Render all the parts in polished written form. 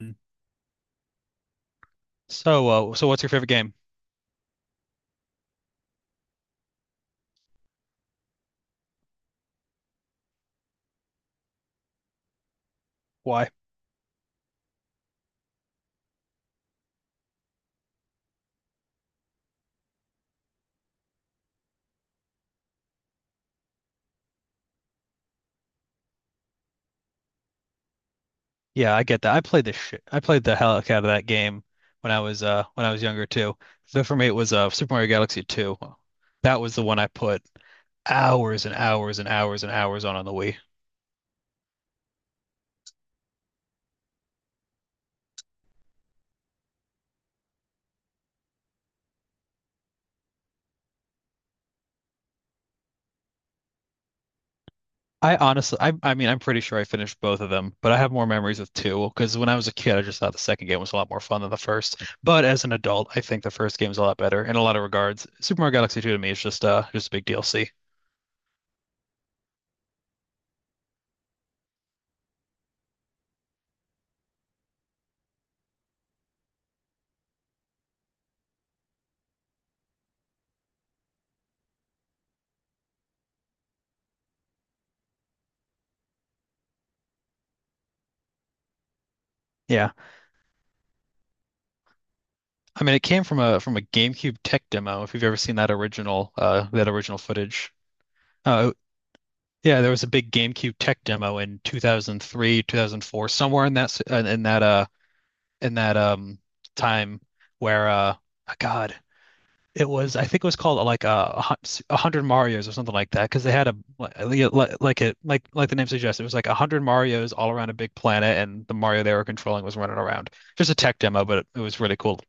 Mm. So what's your favorite game? Why? Yeah, I get that. I played the shit. I played the hell out of that game when I was younger too. So for me, it was Super Mario Galaxy 2. That was the one I put hours and hours and hours and hours on the Wii. I honestly, I mean, I'm pretty sure I finished both of them, but I have more memories with two because when I was a kid, I just thought the second game was a lot more fun than the first. But as an adult, I think the first game's a lot better in a lot of regards. Super Mario Galaxy 2 to me is just a big DLC. Yeah. I mean, it came from a GameCube tech demo. If you've ever seen that original footage, uh, yeah, there was a big GameCube tech demo in 2003, 2004, somewhere in that in that um time where oh, God, it was I think it was called 100 Marios or something like that because they had a li- li- li- like it like the name suggests it was like 100 Marios all around a big planet and the Mario they were controlling was running around. Just a tech demo, but it was really cool.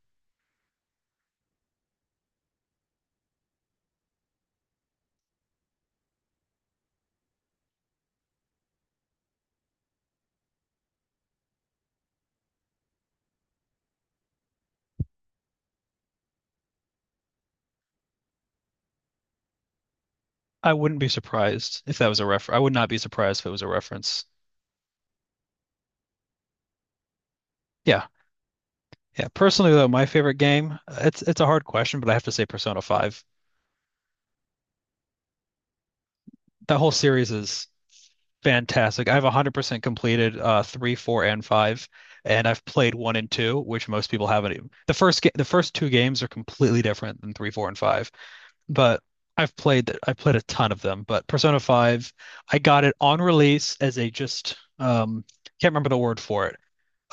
I wouldn't be surprised if that was a refer. I would not be surprised if it was a reference. Yeah, yeah. Personally, though, my favorite game, it's a hard question, but I have to say Persona 5. That whole series is fantastic. I've 100% completed 3, 4, and 5, and I've played 1 and 2, which most people haven't even. The first two games are completely different than 3, 4, and 5, but I played a ton of them, but Persona 5, I got it on release as a, just, can't remember the word for it.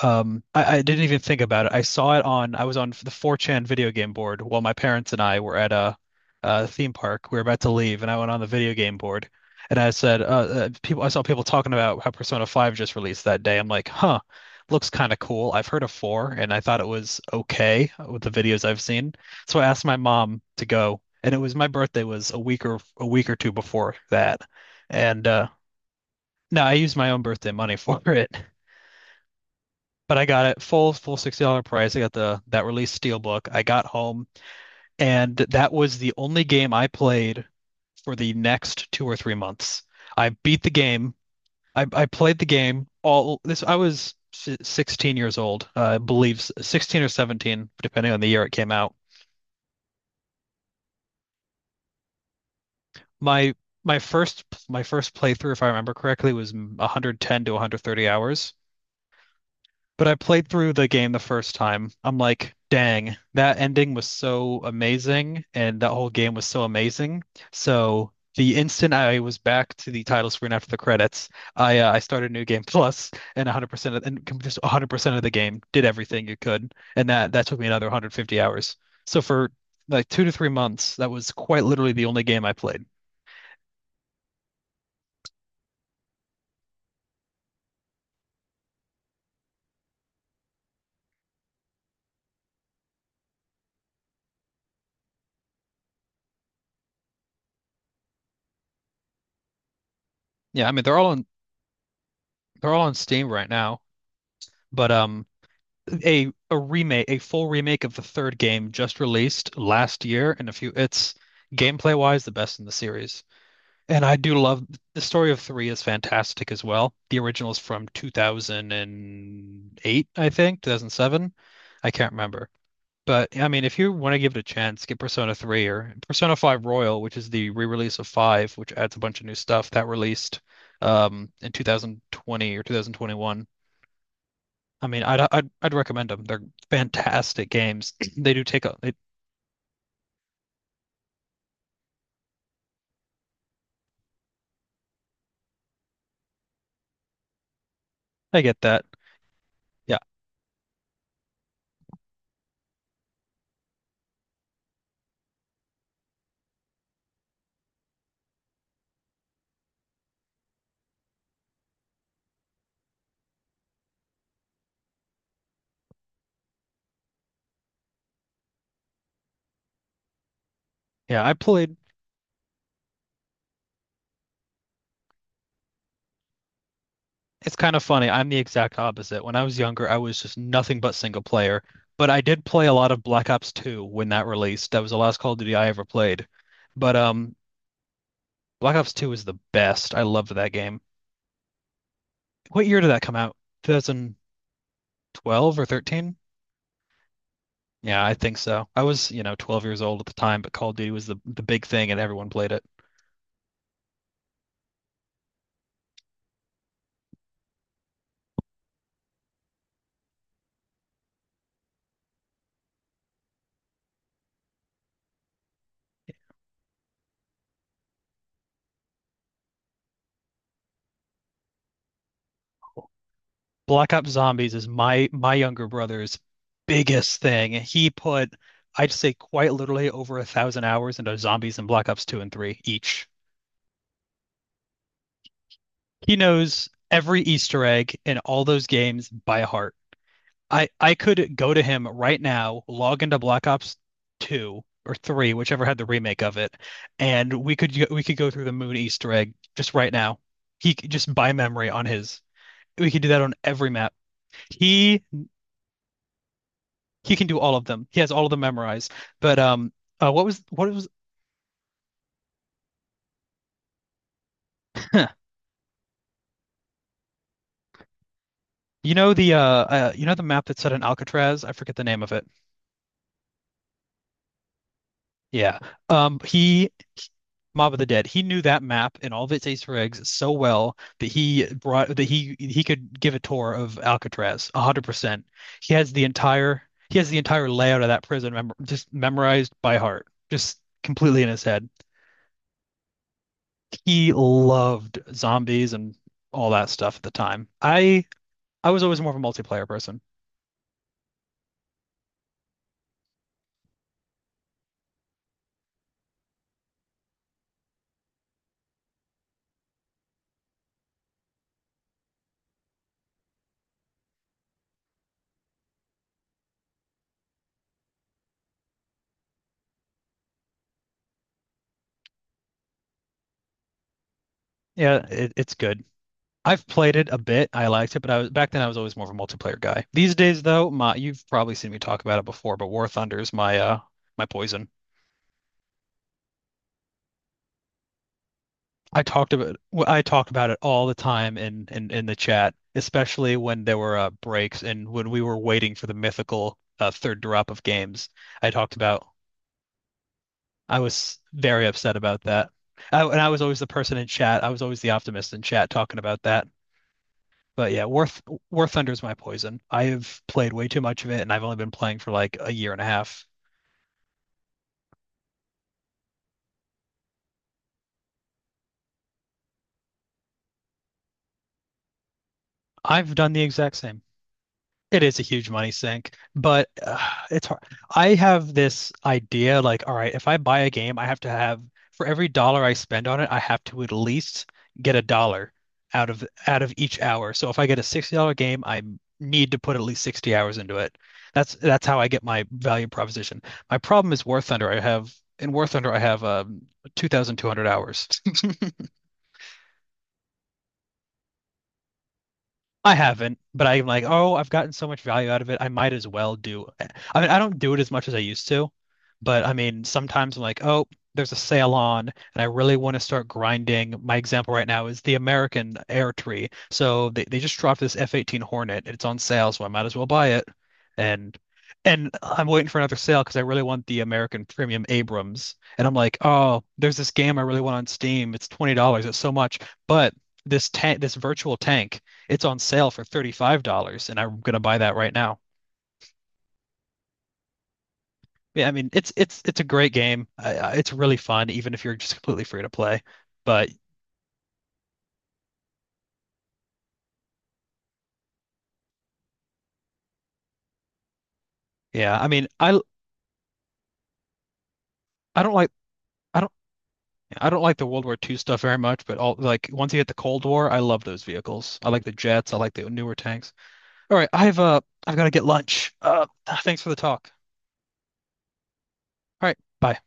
I didn't even think about it. I was on the 4chan video game board while my parents and I were at a theme park. We were about to leave, and I went on the video game board, and I said, I saw people talking about how Persona 5 just released that day. I'm like, huh, looks kind of cool. I've heard of 4, and I thought it was okay with the videos I've seen. So I asked my mom to go, and it was my birthday was a week or two before that, and no, I used my own birthday money for it. But I got it full $60 price. I got the that release Steelbook. I got home and that was the only game I played for the next 2 or 3 months. I beat the game. I played the game all this. I was 16 years old, I believe 16 or 17, depending on the year it came out. My my first my first playthrough, if I remember correctly, was 110 to 130 hours. But I played through the game the first time. I'm like, dang, that ending was so amazing, and that whole game was so amazing. So the instant I was back to the title screen after the credits, I started New Game Plus, and 100% of, and com- just 100% of the game did everything you could, and that took me another 150 hours. So for like 2 to 3 months, that was quite literally the only game I played. Yeah, I mean they're all on Steam right now, but. A remake, a full remake of the third game just released last year, and a few it's gameplay wise the best in the series. And I do love The story of three is fantastic as well. The original is from 2008, I think, 2007. I can't remember. But I mean, if you want to give it a chance, get Persona 3 or Persona 5 Royal, which is the re-release of 5, which adds a bunch of new stuff that released in 2020 or 2021. I mean, I'd recommend them. They're fantastic games. They do take a. They, I get that. Yeah, yeah. I played. It's kind of funny. I'm the exact opposite. When I was younger, I was just nothing but single player. But I did play a lot of Black Ops 2 when that released. That was the last Call of Duty I ever played. But Black Ops 2 is the best. I loved that game. What year did that come out? 2012 or 13? Yeah, I think so. I was 12 years old at the time, but Call of Duty was the big thing and everyone played it. Black Ops Zombies is my younger brother's biggest thing. He put, I'd say quite literally over 1,000 hours into Zombies and Black Ops 2 and 3 each. He knows every Easter egg in all those games by heart. I could go to him right now, log into Black Ops 2 or 3, whichever had the remake of it, and we could go through the moon Easter egg just right now. He just by memory on his. We could do that on every map. He he can do all of them. He has all of them memorized. But what was You know the map that's set in Alcatraz? I forget the name of it. Yeah. He Mob of the Dead. He knew that map and all of its Easter eggs so well that he brought that he could give a tour of Alcatraz 100%. He has the entire he has the entire layout of that prison memorized by heart, just completely in his head. He loved zombies and all that stuff at the time. I was always more of a multiplayer person. Yeah, it's good. I've played it a bit. I liked it, but I was back then I was always more of a multiplayer guy. These days though, my you've probably seen me talk about it before, but War Thunder is my poison. I talked about it all the time in the chat, especially when there were breaks and when we were waiting for the mythical third drop of games. I talked about I was very upset about that. And I was always the person in chat. I was always the optimist in chat talking about that. But yeah, War Thunder is my poison. I have played way too much of it, and I've only been playing for like a year and a half. I've done the exact same. It is a huge money sink, but it's hard. I have this idea like, all right, if I buy a game, I have to have for every dollar I spend on it, I have to at least get a dollar out of each hour. So if I get a $60 game, I need to put at least 60 hours into it. That's how I get my value proposition. My problem is War Thunder. I have In War Thunder, I have 2,200 hours. I haven't, but I'm like, oh, I've gotten so much value out of it. I might as well do. I mean, I don't do it as much as I used to, but I mean, sometimes I'm like, oh, there's a sale on, and I really want to start grinding. My example right now is the American Air Tree. So they just dropped this F-18 Hornet. It's on sale, so I might as well buy it. And and I'm waiting for another sale because I really want the American Premium Abrams. And I'm like, oh, there's this game I really want on Steam. It's $20. It's so much, but this virtual tank it's on sale for $35 and I'm gonna buy that right now. Yeah, I mean, it's a great game. It's really fun, even if you're just completely free to play. But yeah, I mean, I don't like I don't I don't like the World War II stuff very much. But all like once you hit the Cold War, I love those vehicles. I like the jets. I like the newer tanks. All right, I've got to get lunch. Thanks for the talk. All right, bye.